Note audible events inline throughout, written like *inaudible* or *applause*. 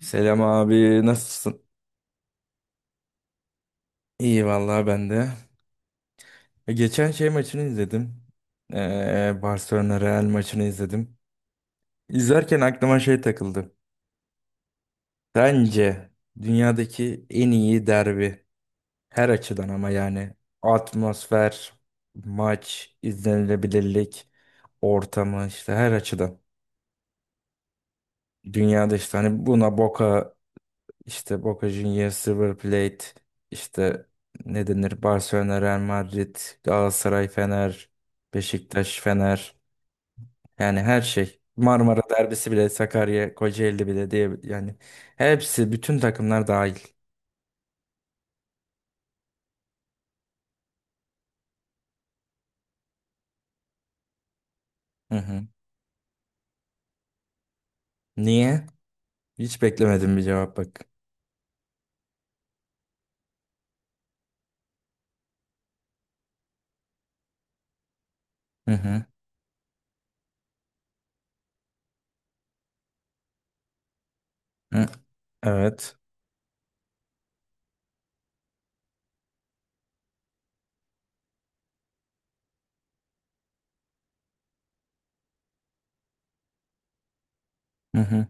Selam abi nasılsın? İyi vallahi ben de. Geçen şey maçını izledim. Barcelona Real maçını izledim. İzlerken aklıma şey takıldı. Bence dünyadaki en iyi derbi her açıdan ama yani atmosfer, maç, izlenilebilirlik, ortamı işte her açıdan. Dünyada işte hani buna Boca, İşte Boca Juniors, River Plate, işte ne denir? Barcelona, Real Madrid, Galatasaray, Fener, Beşiktaş, Fener. Yani her şey. Marmara derbisi bile, Sakarya, Kocaeli bile diye yani hepsi bütün takımlar dahil. Hı hı. Niye? Hiç beklemedim bir cevap bak. Hı hı. Hı. Evet. Hı hı.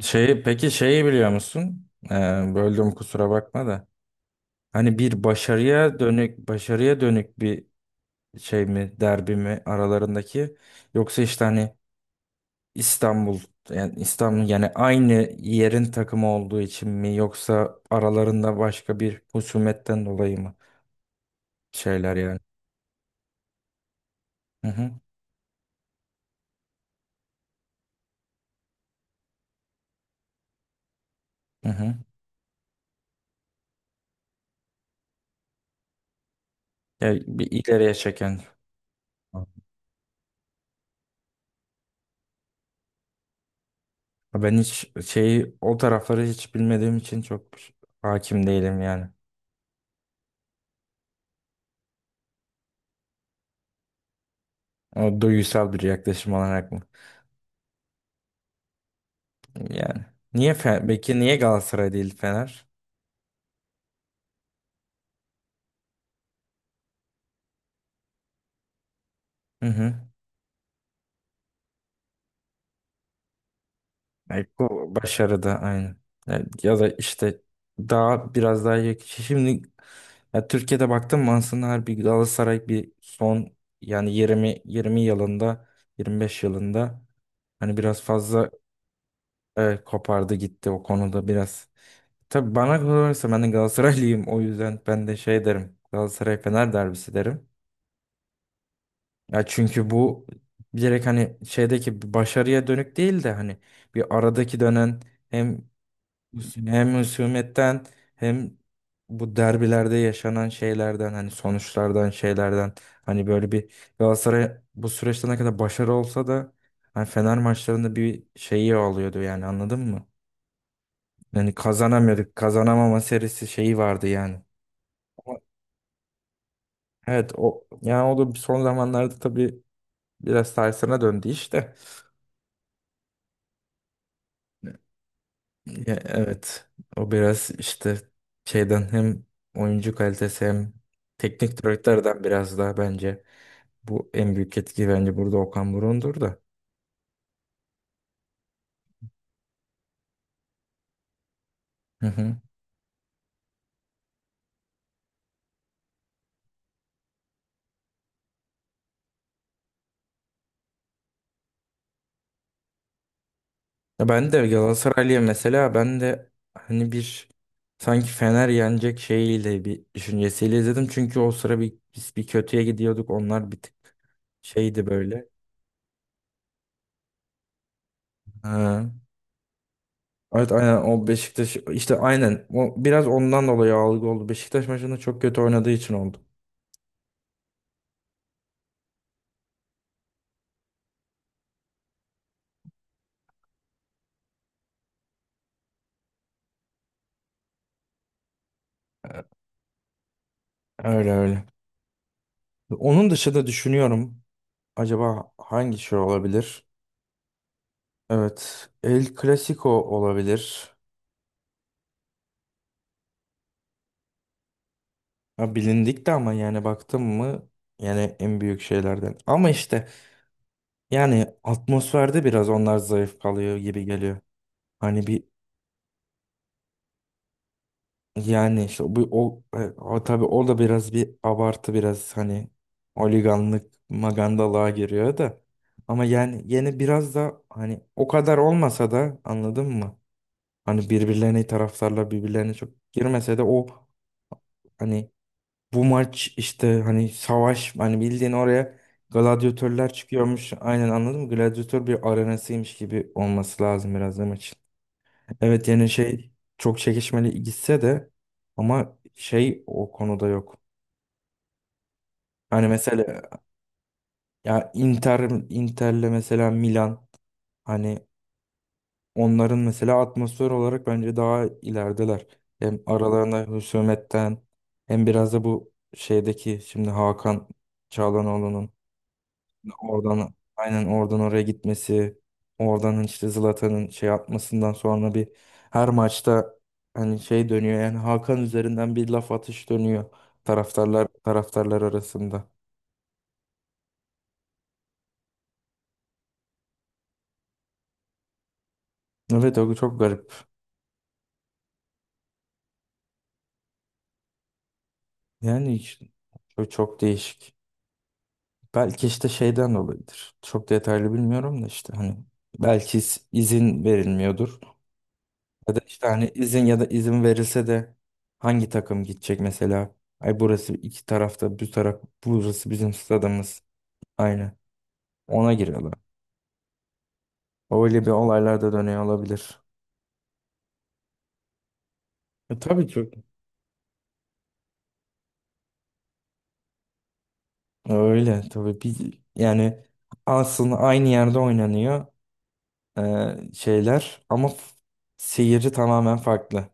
Şeyi, peki şeyi biliyor musun? Böldüm kusura bakma da. Hani bir başarıya dönük başarıya dönük bir şey mi, derbi mi aralarındaki, yoksa işte hani İstanbul, yani İstanbul yani aynı yerin takımı olduğu için mi, yoksa aralarında başka bir husumetten dolayı mı şeyler yani? Hı hı. Hı hı. Yani bir ileriye çeken. Ben hiç şeyi, o tarafları hiç bilmediğim için çok hakim değilim yani. O duygusal bir yaklaşım olarak mı? Yani niye peki niye Galatasaray değil Fener? Hı hı. Yani bu başarıda aynı. Yani ya da işte daha biraz daha iyi. Şimdi ya Türkiye'de baktım, aslında her bir Galatasaray bir son yani 20 20 yılında, 25 yılında hani biraz fazla kopardı gitti o konuda biraz. Tabii bana kalırsa ben de Galatasaraylıyım, o yüzden ben de şey derim. Galatasaray Fener derbisi derim. Ya çünkü bu direkt hani şeydeki bir başarıya dönük değil de hani bir aradaki dönen hem, hem husumetten, hem bu derbilerde yaşanan şeylerden, hani sonuçlardan, şeylerden, hani böyle bir Galatasaray bu süreçte ne kadar başarı olsa da hani Fener maçlarında bir şeyi oluyordu yani, anladın mı? Yani kazanamıyorduk. Kazanamama serisi şeyi vardı yani. Ama evet, o yani o da son zamanlarda tabii biraz tersine döndü işte. Ya, evet o biraz işte şeyden, hem oyuncu kalitesi hem teknik direktörden biraz daha bence. Bu en büyük etki bence burada Okan Buruk'undur da. Hı hı. Ya ben de Galatasaraylı'ya mesela, ben de hani bir sanki Fener yenecek şeyiyle bir düşüncesiyle izledim. Çünkü o sıra bir, biz bir kötüye gidiyorduk. Onlar bir tık şeydi böyle. Ha. Evet aynen, o Beşiktaş işte aynen o biraz ondan dolayı algı oldu. Beşiktaş maçında çok kötü oynadığı için oldu. Öyle öyle. Onun dışında düşünüyorum, acaba hangi şey olabilir? Evet, El Clasico olabilir. Ha, bilindik de ama yani baktım mı yani en büyük şeylerden. Ama işte yani atmosferde biraz onlar zayıf kalıyor gibi geliyor. Hani bir yani işte bu o, o tabii, o da biraz bir abartı biraz hani, oliganlık magandalığa giriyor da. Ama yani yine biraz da hani o kadar olmasa da, anladın mı? Hani birbirlerine, taraftarlar birbirlerine çok girmese de o hani bu maç işte hani savaş, hani bildiğin oraya gladyatörler çıkıyormuş. Aynen, anladın mı? Gladyatör bir arenasıymış gibi olması lazım biraz da maçın. Evet yani şey, çok çekişmeli gitse de ama şey o konuda yok. Hani mesela ya Inter'le mesela Milan, hani onların mesela atmosfer olarak bence daha ilerideler. Hem aralarında husumetten, hem biraz da bu şeydeki şimdi Hakan Çalhanoğlu'nun, oradan aynen, oradan oraya gitmesi, oradan işte Zlatan'ın şey atmasından sonra bir her maçta hani şey dönüyor yani, Hakan üzerinden bir laf atış dönüyor taraftarlar arasında. Evet, o çok garip. Yani işte, çok, çok değişik. Belki işte şeyden dolayıdır, çok detaylı bilmiyorum da işte hani belki izin verilmiyordur. Ya da işte hani izin, ya da izin verilse de hangi takım gidecek mesela? Ay burası, iki tarafta bu taraf, burası bizim stadımız. Aynı. Ona giriyorlar. Öyle bir olaylar da dönüyor olabilir. Tabii çok. Öyle tabii bir yani aslında aynı yerde oynanıyor şeyler ama seyirci tamamen farklı.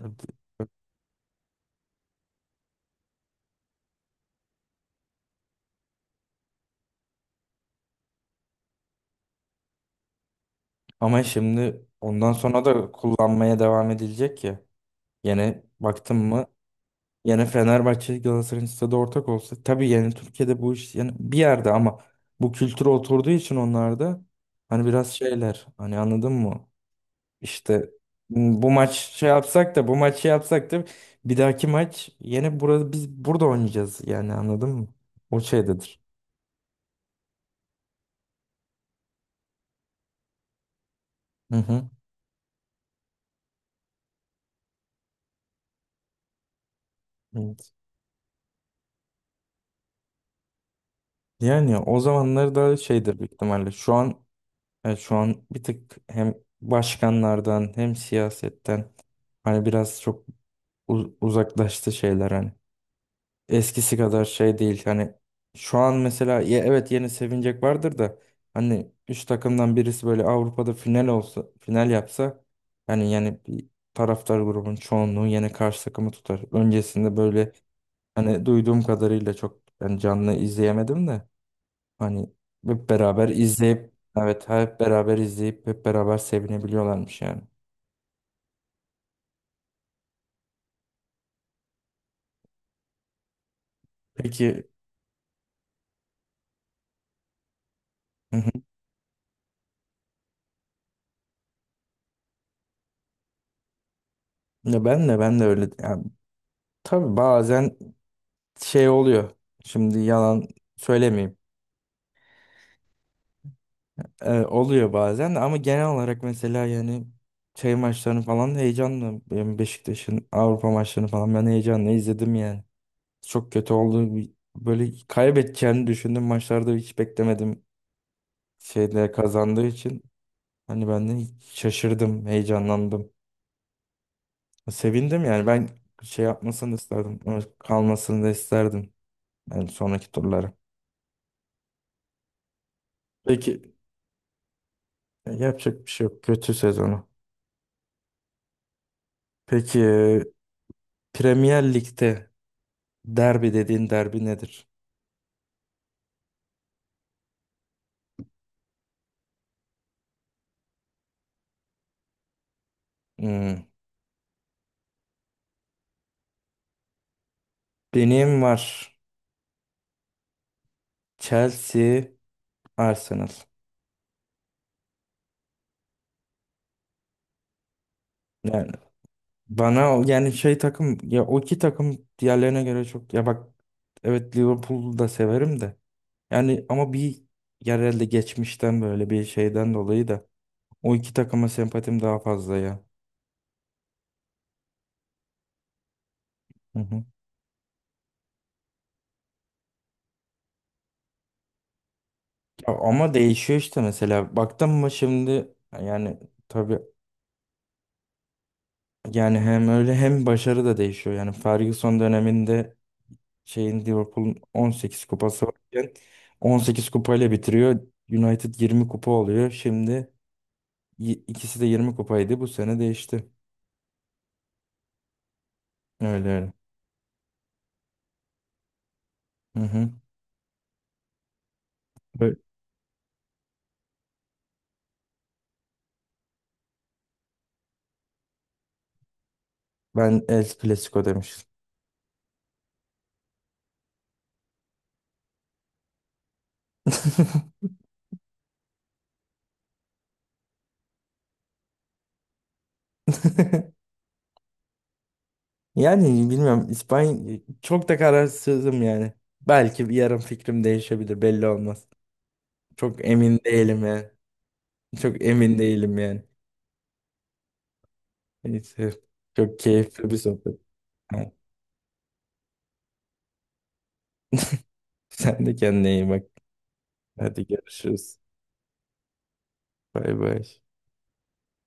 Evet. Ama şimdi ondan sonra da kullanmaya devam edilecek ya. Yine baktım mı, yani Fenerbahçe Galatasaray'ın stadı ortak olsa tabii yani Türkiye'de bu iş yani bir yerde ama bu kültüre oturduğu için onlarda hani biraz şeyler hani, anladın mı? İşte, bu maç şey yapsak da, bu maçı yapsak da, bir dahaki maç yine burada, biz burada oynayacağız yani, anladın mı? O şeydedir. Hı hı. Evet. Yani o zamanlar da şeydir büyük ihtimalle. Şu an evet, şu an bir tık hem başkanlardan, hem siyasetten hani biraz çok uzaklaştı şeyler hani. Eskisi kadar şey değil hani, şu an mesela ya evet yeni sevinecek vardır da hani üç takımdan birisi böyle Avrupa'da final olsa, final yapsa hani yani bir taraftar grubun çoğunluğu yine karşı takımı tutar. Öncesinde böyle hani duyduğum kadarıyla, çok yani canlı izleyemedim de hani hep beraber izleyip, evet hep beraber izleyip hep beraber sevinebiliyorlarmış yani. Peki. Hı hı. Ya ben de öyle yani. Tabii bazen şey oluyor. Şimdi yalan söylemeyeyim. Oluyor bazen de ama genel olarak mesela yani şey maçlarını falan heyecanlı. Benim, Beşiktaş'ın Avrupa maçlarını falan ben heyecanla izledim yani. Çok kötü oldu. Böyle kaybedeceğini düşündüm. Maçlarda hiç beklemedim. Şeyde kazandığı için hani ben de şaşırdım, heyecanlandım. Sevindim yani, ben şey yapmasını isterdim. Kalmasını da isterdim. Yani sonraki turlara. Peki, yapacak bir şey yok. Kötü sezonu. Peki, Premier Lig'de derbi dediğin derbi nedir? Hmm. Benim var. Chelsea, Arsenal. Yani bana yani şey takım ya, o iki takım diğerlerine göre çok, ya bak evet Liverpool'u da severim de yani, ama bir yerelde geçmişten böyle bir şeyden dolayı da o iki takıma sempatim daha fazla ya. Hı hı. Ya ama değişiyor işte mesela baktım mı şimdi, yani tabii, yani hem öyle hem başarı da değişiyor. Yani Ferguson döneminde şeyin, Liverpool'un 18 kupası varken 18 kupayla bitiriyor. United 20 kupa oluyor. Şimdi ikisi de 20 kupaydı. Bu sene değişti. Öyle öyle. Hı hı. Böyle- Ben El Clasico demiştim. *laughs* Yani bilmiyorum, İspanya, çok da kararsızım yani. Belki bir yarın fikrim değişebilir, belli olmaz. Çok emin değilim yani. Çok emin değilim yani. Neyse. Çok keyifli bir sohbet. Ha. Sen de kendine iyi bak. Hadi görüşürüz. Bay bay.